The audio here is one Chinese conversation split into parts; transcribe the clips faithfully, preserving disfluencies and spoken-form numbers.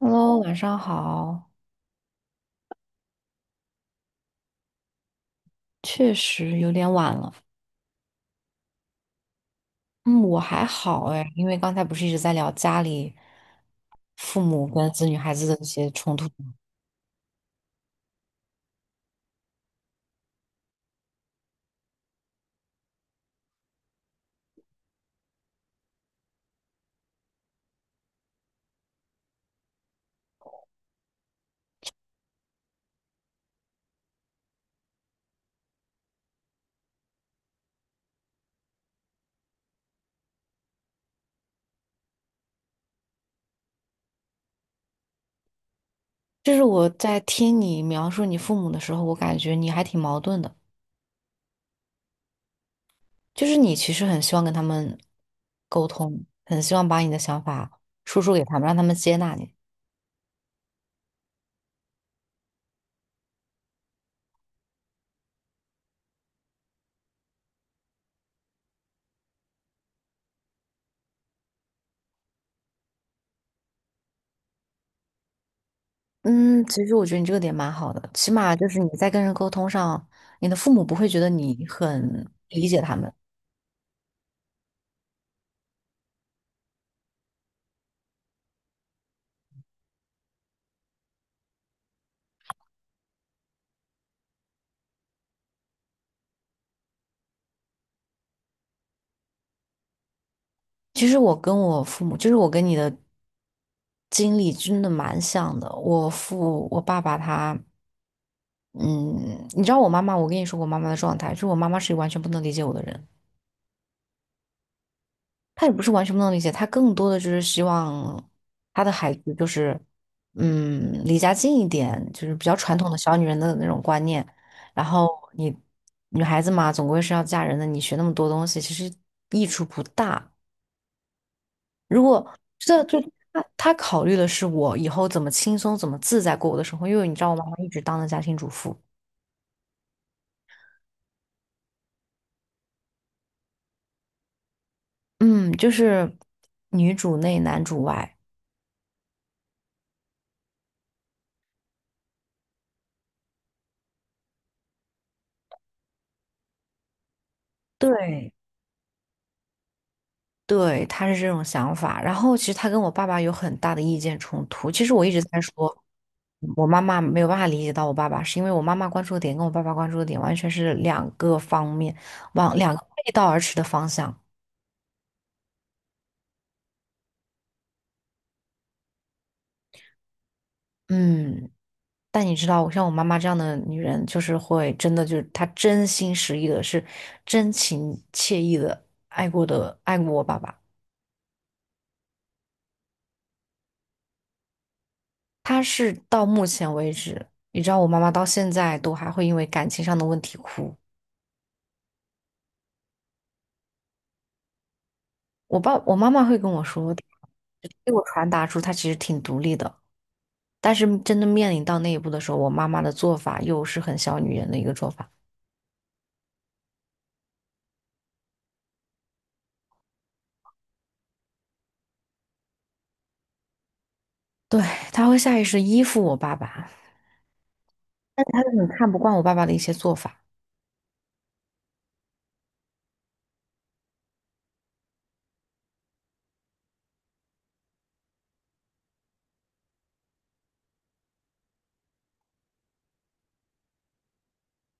Hello，晚上好。确实有点晚了。嗯，我还好哎，因为刚才不是一直在聊家里父母跟子女孩子的一些冲突吗？就是我在听你描述你父母的时候，我感觉你还挺矛盾的。就是你其实很希望跟他们沟通，很希望把你的想法输出给他们，让他们接纳你。嗯，其实我觉得你这个点蛮好的，起码就是你在跟人沟通上，你的父母不会觉得你很理解他们。其实我跟我父母，就是我跟你的经历真的蛮像的。我父，我爸爸他，嗯，你知道我妈妈，我跟你说我妈妈的状态，就是我妈妈是完全不能理解我的人，她也不是完全不能理解，她更多的就是希望她的孩子就是，嗯，离家近一点，就是比较传统的小女人的那种观念。然后你女孩子嘛，总归是要嫁人的，你学那么多东西，其实益处不大。如果这就他他考虑的是我以后怎么轻松、怎么自在过我的生活，因为你知道我妈妈一直当的家庭主妇，嗯，就是女主内男主外，对，对，他是这种想法。然后其实他跟我爸爸有很大的意见冲突。其实我一直在说，我妈妈没有办法理解到我爸爸，是因为我妈妈关注的点跟我爸爸关注的点完全是两个方面，往两个背道而驰的方向。嗯，但你知道，像我妈妈这样的女人，就是会真的就是她真心实意的，是真情切意的爱过的爱过我爸爸。她是到目前为止，你知道我妈妈到现在都还会因为感情上的问题哭。我爸我妈妈会跟我说，给我传达出她其实挺独立的，但是真的面临到那一步的时候，我妈妈的做法又是很小女人的一个做法。对，她会下意识地依附我爸爸，但她又很看不惯我爸爸的一些做法。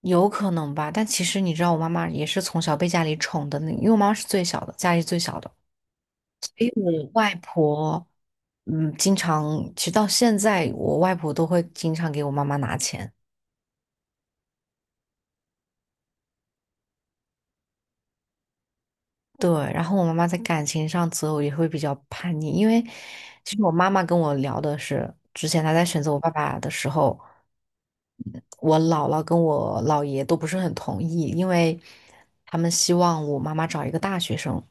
有可能吧，但其实你知道，我妈妈也是从小被家里宠的那，因为我妈妈是最小的，家里最小的。所以我外婆，嗯，经常，其实到现在，我外婆都会经常给我妈妈拿钱。对，然后我妈妈在感情上择偶也会比较叛逆，因为其实我妈妈跟我聊的是，之前她在选择我爸爸的时候，嗯我姥姥跟我姥爷都不是很同意，因为他们希望我妈妈找一个大学生。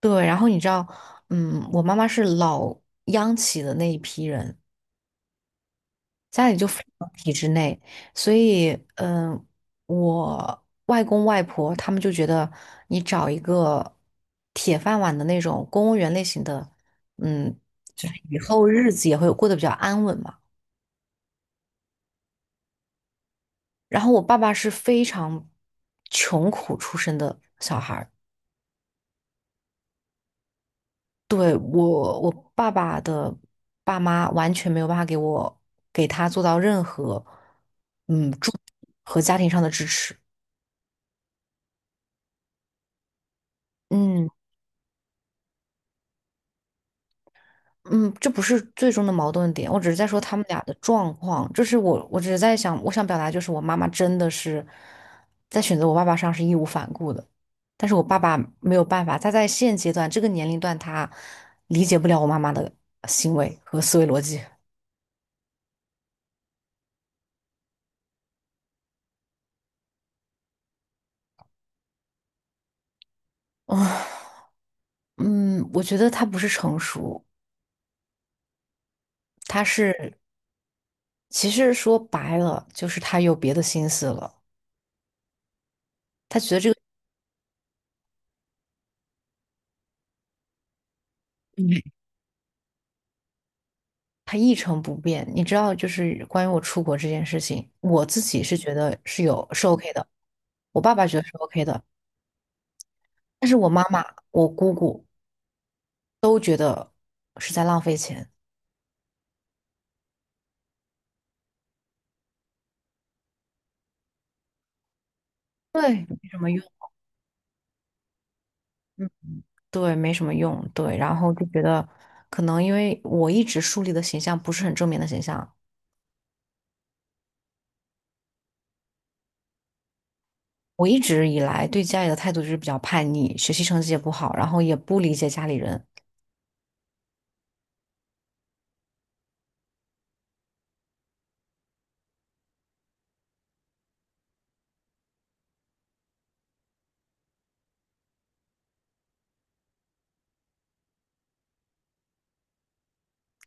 对，然后你知道，嗯，我妈妈是老央企的那一批人，家里就非常体制内，所以，嗯，我外公外婆他们就觉得你找一个铁饭碗的那种公务员类型的，嗯，就是以后日子也会过得比较安稳嘛。然后我爸爸是非常穷苦出身的小孩儿。对，我，我爸爸的爸妈完全没有办法给我给他做到任何，嗯，助和家庭上的支持。嗯嗯，这不是最终的矛盾点，我只是在说他们俩的状况。就是我，我只是在想，我想表达就是我妈妈真的是在选择我爸爸上是义无反顾的，但是我爸爸没有办法，他在现阶段这个年龄段，他理解不了我妈妈的行为和思维逻辑。啊，嗯，我觉得他不是成熟。他是其实说白了，就是他有别的心思了。他觉得这个他一成不变。你知道，就是关于我出国这件事情，我自己是觉得是有是 OK 的，我爸爸觉得是 OK 的，但是我妈妈、我姑姑都觉得是在浪费钱，对，没什么用。嗯，对，没什么用。对，然后就觉得可能因为我一直树立的形象不是很正面的形象。我一直以来对家里的态度就是比较叛逆，学习成绩也不好，然后也不理解家里人，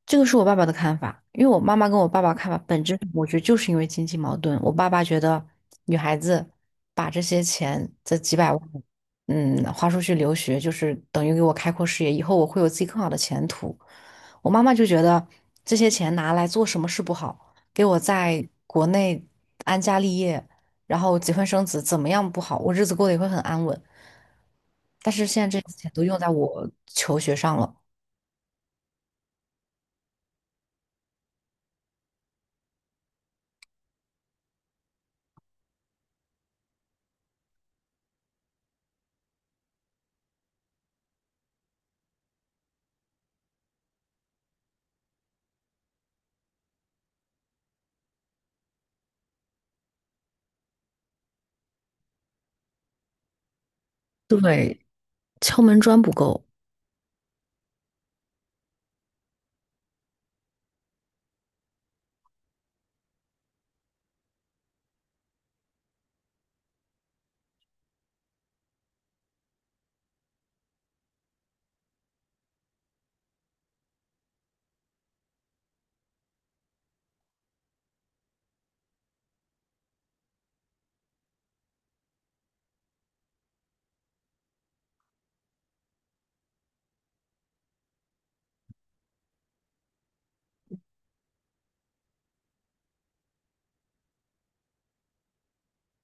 这个是我爸爸的看法，因为我妈妈跟我爸爸看法本质上我觉得就是因为经济矛盾。我爸爸觉得女孩子把这些钱，这几百万，嗯，花出去留学，就是等于给我开阔视野，以后我会有自己更好的前途。我妈妈就觉得这些钱拿来做什么事不好，给我在国内安家立业，然后结婚生子，怎么样不好，我日子过得也会很安稳。但是现在这些钱都用在我求学上了，对，敲门砖不够。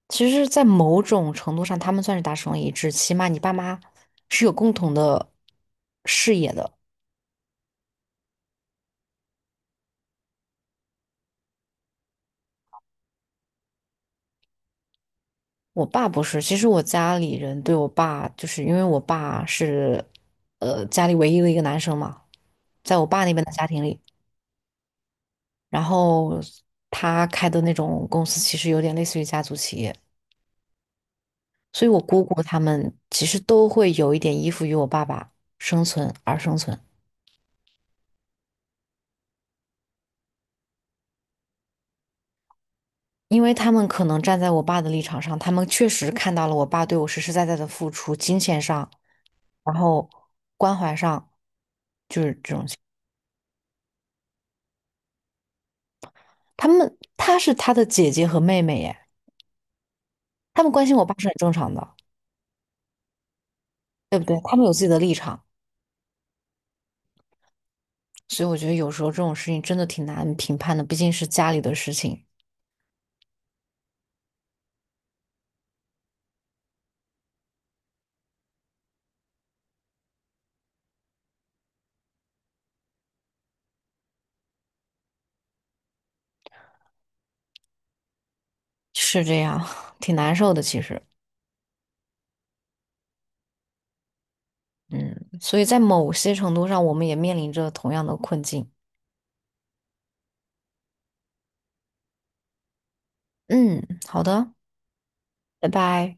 其实，在某种程度上，他们算是达成了一致，起码你爸妈是有共同的视野的。我爸不是，其实我家里人对我爸，就是因为我爸是，呃，家里唯一的一个男生嘛，在我爸那边的家庭里，然后他开的那种公司其实有点类似于家族企业，所以我姑姑他们其实都会有一点依附于我爸爸生存而生存。因为他们可能站在我爸的立场上，他们确实看到了我爸对我实实在在的付出，金钱上，然后关怀上，他们他是他的姐姐和妹妹耶，他们关心我爸是很正常的，对不对？他们有自己的立场，所以我觉得有时候这种事情真的挺难评判的，毕竟是家里的事情，是这样，挺难受的其实，嗯，所以在某些程度上，我们也面临着同样的困境，嗯，好的，拜拜。